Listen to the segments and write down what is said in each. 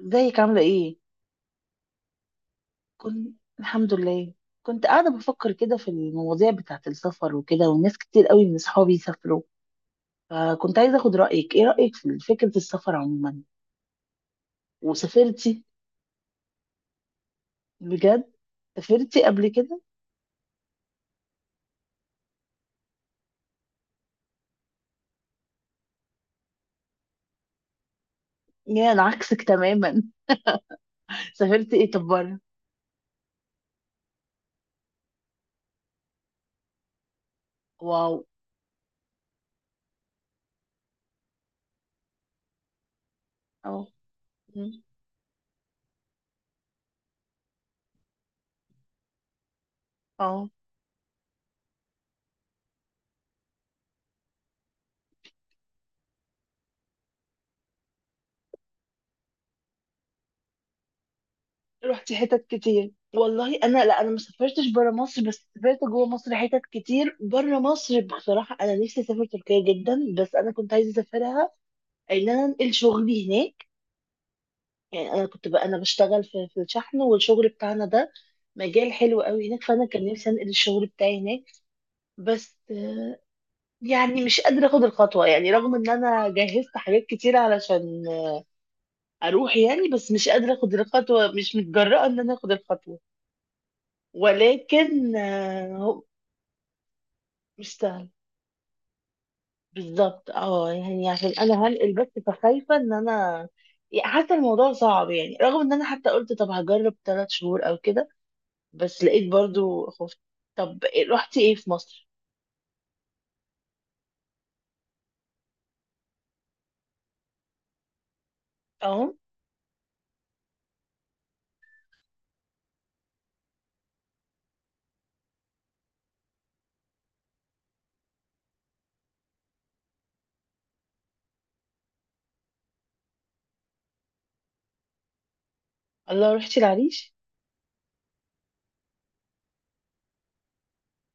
ازيك عاملة ايه؟ كنت الحمد لله، كنت قاعدة بفكر كده في المواضيع بتاعة السفر وكده، والناس كتير قوي من اصحابي سافروا. فكنت عايزة اخد رأيك، ايه رأيك في فكرة السفر عموما؟ وسافرتي بجد، سافرتي قبل كده؟ يا انا عكسك تماما. سافرتي ايه طب بره؟ واو. اه. مم. اه، رحتي حتت كتير والله. انا لا، انا ما سافرتش بره مصر، بس سافرت جوه مصر حتت كتير. بره مصر بصراحه انا نفسي اسافر تركيا جدا، بس انا كنت عايزه اسافرها ان انا انقل شغلي هناك. يعني انا كنت بقى، انا بشتغل في الشحن والشغل بتاعنا ده مجال حلو قوي هناك، فانا كان نفسي انقل الشغل بتاعي هناك. بس يعني مش قادره اخد الخطوه، يعني رغم ان انا جهزت حاجات كتيره علشان اروح، يعني بس مش قادره اخد الخطوه، مش متجرأة ان انا اخد الخطوه. ولكن هو مش سهل. بالظبط اه، يعني عشان انا هنقل بس فخايفه ان انا، يعني حاسه الموضوع صعب، يعني رغم ان انا حتى قلت طب هجرب 3 شهور او كده، بس لقيت برضو خفت. طب رحتي ايه في مصر؟ اهو. الله، رحتي العريش.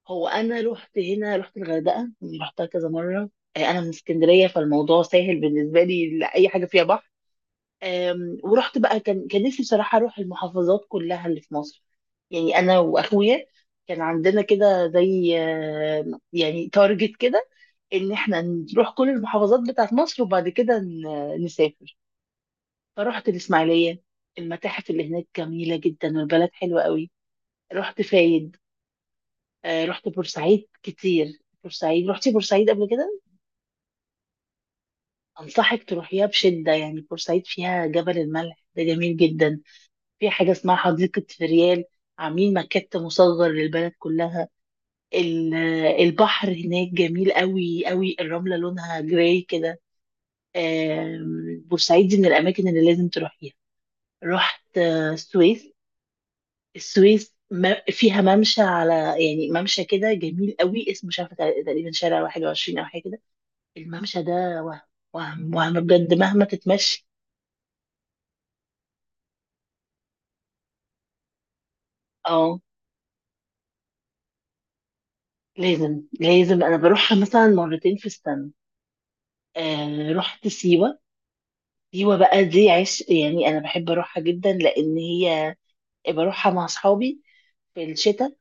هو انا رحت هنا، رحت الغردقه، رحتها كذا مره. انا من اسكندريه فالموضوع سهل بالنسبه لي لاي حاجه فيها بحر. ورحت بقى، كان نفسي بصراحه اروح المحافظات كلها اللي في مصر. يعني انا واخويا كان عندنا كده زي يعني تارجت كده ان احنا نروح كل المحافظات بتاعت مصر، وبعد كده نسافر. رحت الإسماعيلية، المتاحف اللي هناك جميلة جدا والبلد حلوة قوي. رحت فايد. رحت بورسعيد كتير. بورسعيد، رحتي بورسعيد قبل كده؟ أنصحك تروحيها بشدة يعني. بورسعيد فيها جبل الملح، ده جميل جدا. في حاجة اسمها حديقة فريال، عاملين مكت مصغر للبلد كلها. البحر هناك جميل قوي قوي، الرملة لونها جراي كده. بورسعيد دي من الأماكن اللي لازم تروحيها. رحت السويس. السويس ما فيها ممشى على، يعني ممشى كده جميل قوي، اسمه مش عارفه، تقريبا شارع 21 او حاجه كده. الممشى ده وهم وهم بجد مهما تتمشي. اه لازم، لازم. انا بروحها مثلا مرتين في السنة. آه رحت سيوه. سيوه بقى دي عش، يعني انا بحب اروحها جدا، لان هي بروحها مع اصحابي في الشتاء.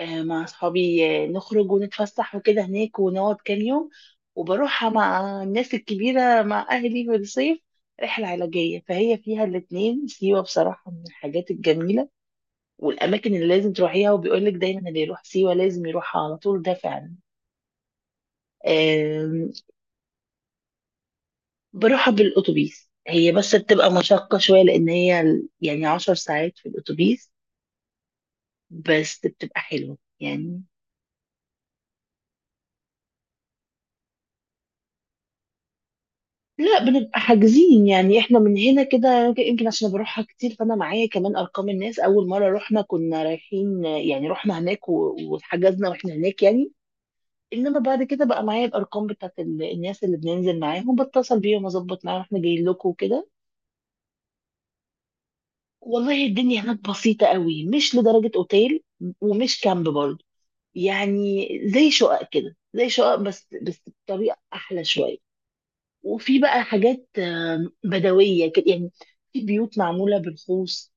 مع أصحابي، نخرج ونتفسح وكده هناك ونقعد كام يوم. وبروحها مع الناس الكبيرة، مع أهلي في الصيف، رحلة علاجية. فهي فيها الاتنين. سيوة بصراحة من الحاجات الجميلة والأماكن اللي لازم تروحيها، وبيقولك دايما اللي يروح سيوة لازم يروحها على طول، ده فعلا. آم، بروحها بالأتوبيس، هي بس بتبقى مشقة شوية لأن هي، يعني 10 ساعات في الأتوبيس، بس بتبقى حلوة يعني. لا بنبقى حاجزين، يعني احنا من هنا كده، يمكن عشان بروحها كتير فانا معايا كمان ارقام الناس. اول مره رحنا كنا رايحين يعني، رحنا هناك وحجزنا واحنا هناك يعني. انما بعد كده بقى معايا الارقام بتاعت الناس اللي بننزل معاهم، بتصل بيهم اظبط معاهم احنا جايين لكم وكده. والله الدنيا هناك بسيطه قوي، مش لدرجه اوتيل، ومش كامب برضه. يعني زي شقق كده، زي شقق بس بطريقه احلى شويه. وفي بقى حاجات بدوية كده يعني، في بيوت معمولة بالخوص.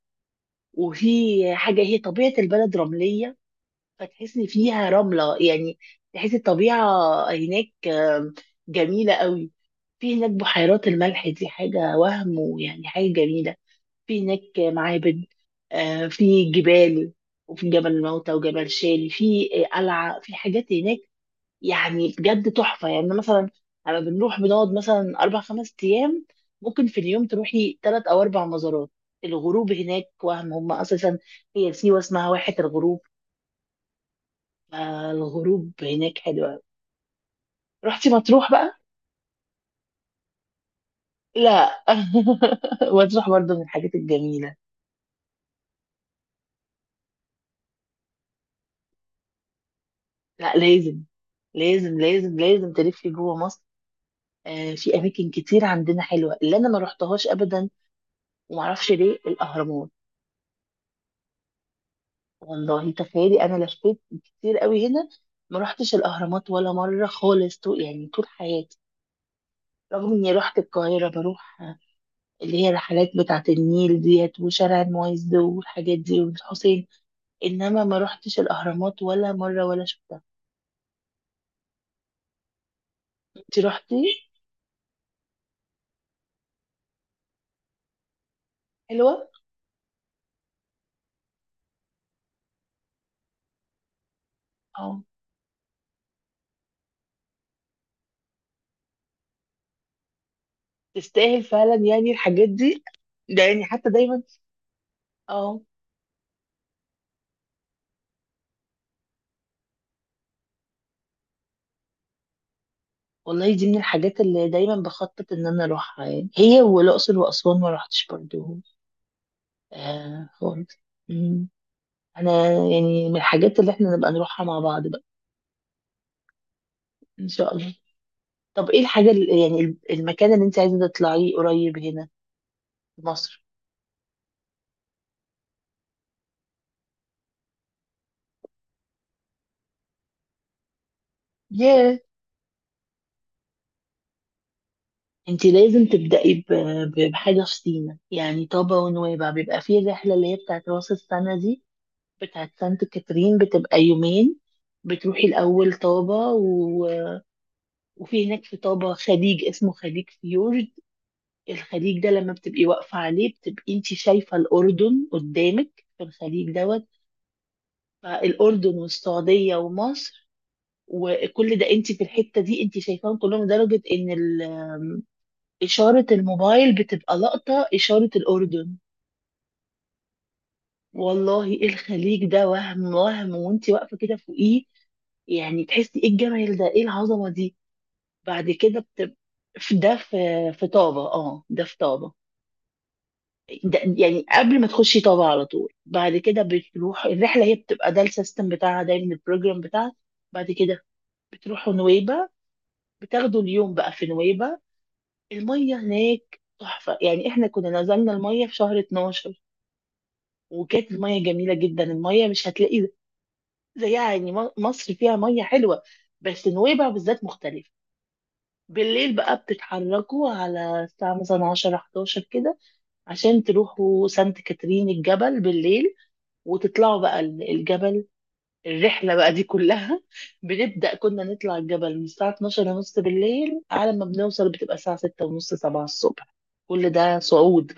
وفي حاجة، هي طبيعة البلد رملية، فتحس إن فيها رملة يعني، تحس الطبيعة هناك جميلة قوي. في هناك بحيرات الملح، دي حاجة وهم، ويعني حاجة جميلة. في هناك معابد، في جبال، وفي جبل الموتى وجبل شالي، في قلعة، في حاجات هناك يعني بجد تحفة. يعني مثلا لما بنروح بنقعد مثلا 4 5 أيام، ممكن في اليوم تروحي تلات أو أربع مزارات. الغروب هناك وهم، هم أساسا هي سيوة اسمها واحة الغروب، فالغروب هناك حلوة أوي. رحتي مطروح بقى؟ لا. مطروح برضه من الحاجات الجميلة. لا لازم، لازم لازم تلفي جوه مصر. آه في أماكن كتير عندنا حلوة اللي أنا ما رحتهاش أبدا، ومعرفش ليه، الأهرامات. والله تخيلي انا لفيت كتير قوي هنا، ما رحتش الاهرامات ولا مره خالص، يعني طول حياتي. رغم اني رحت القاهره، بروح اللي هي الرحلات بتاعه النيل ديت وشارع المعز والحاجات دي والحسين، انما ما رحتش الاهرامات ولا مره ولا شفتها. انت رحتي؟ حلوه. اه تستاهل فعلا يعني الحاجات دي. ده يعني حتى دايما اه، والله دي من الحاجات اللي دايما بخطط ان انا اروحها، يعني هي والاقصر واسوان ما رحتش برضو آه خالص. مم. انا يعني من الحاجات اللي احنا نبقى نروحها مع بعض بقى. ان شاء الله. طب ايه الحاجه اللي يعني المكان اللي انت عايزه تطلعيه قريب هنا في مصر؟ ياه. انت لازم تبدأي بحاجه في سينا، يعني طابا ونويبع بيبقى فيه الرحله اللي هي بتاعت راس السنه دي، بتاعت سانت كاترين بتبقى يومين. بتروحي الاول طابا وفي هناك في طابا خليج اسمه خليج فيورد. الخليج ده لما بتبقي واقفة عليه بتبقي انت شايفة الأردن قدامك في الخليج دوت. فالأردن والسعودية ومصر، وكل ده انت في الحتة دي انت شايفاهم كلهم، لدرجة ان إشارة الموبايل بتبقى لقطة إشارة الأردن. والله الخليج ده وهم، وهم وانت واقفة كده فوقيه، يعني تحسي ايه الجمال ده، ايه العظمة دي. بعد كده بتبقى، ده في طابة. اه ده في طابة. ده يعني قبل ما تخشي طابعة على طول. بعد كده بتروح الرحلة، هي بتبقى ده السيستم بتاعها دايما، البروجرام بتاعها. بعد كده بتروحوا نويبة، بتاخدوا اليوم بقى في نويبة. المية هناك تحفة، يعني احنا كنا نزلنا المية في شهر 12 وكانت المية جميلة جدا. المية مش هتلاقي زيها يعني، مصر فيها مية حلوة بس نويبة بالذات مختلفة. بالليل بقى بتتحركوا على الساعة مثلا 10 11 كده، عشان تروحوا سانت كاترين الجبل بالليل، وتطلعوا بقى الجبل. الرحلة بقى دي كلها بنبدأ، كنا نطلع الجبل من الساعة 12 ونص بالليل، على ما بنوصل بتبقى الساعة 6 ونص 7 الصبح، كل ده صعود.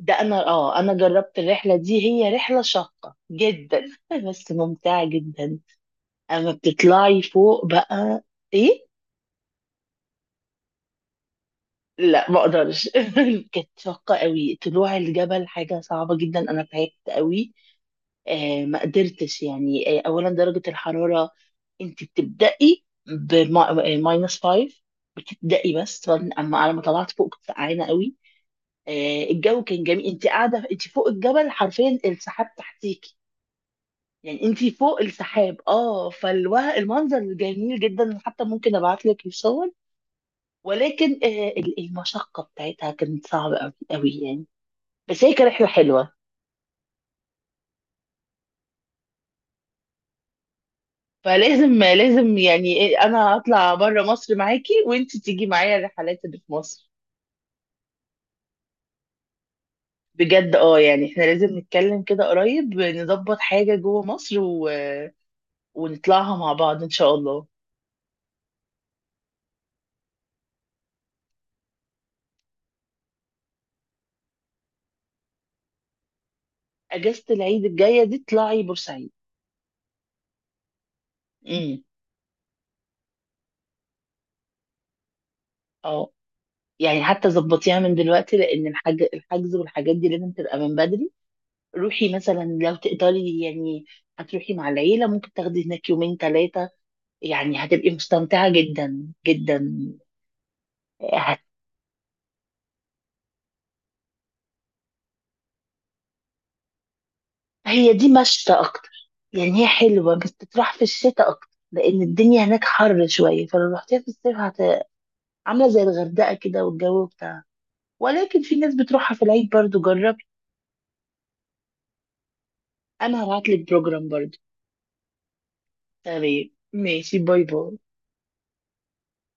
ده أنا آه، أنا جربت الرحلة دي، هي رحلة شاقة جدا. بس ممتعة جدا. أما بتطلعي فوق بقى. إيه؟ لا ما اقدرش. كانت شاقة قوي، طلوع الجبل حاجة صعبة جدا، أنا تعبت قوي. ما قدرتش يعني، اولا درجة الحرارة، انت بتبدأي بماينس 5، بتبدأي بس اما على ما طلعت فوق كنت سقعانة قوي. الجو كان جميل، انت قاعدة انت فوق الجبل حرفيا السحاب تحتيكي، يعني انت فوق السحاب. اه فالمنظر جميل جدا، حتى ممكن ابعت لك الصور. ولكن المشقة بتاعتها كانت صعبة قوي قوي يعني، بس هي كانت رحلة حلوة. فلازم لازم يعني انا هطلع بره مصر معاكي وانت تيجي معايا الرحلات اللي في مصر. بجد اه، يعني احنا لازم نتكلم كده قريب، نظبط حاجة جوه مصر ونطلعها مع بعض ان شاء الله. اجازة العيد الجاية دي طلعي بورسعيد. امم. اه، يعني حتى ظبطيها من دلوقتي، لان الحجز والحاجات دي لازم تبقى من بدري. روحي مثلا لو تقدري يعني، هتروحي مع العيلة ممكن تاخدي هناك يومين 3، يعني هتبقي مستمتعة جدا جدا. هي دي مشتى اكتر، يعني هي حلوه بس تروح في الشتاء اكتر، لان الدنيا هناك حر شويه، فلو رحتيها في الصيف عامله زي الغردقه كده والجو بتاعها. ولكن في ناس بتروحها في العيد برضو، جربي. انا هبعت لك بروجرام برضو. تمام ماشي، باي باي.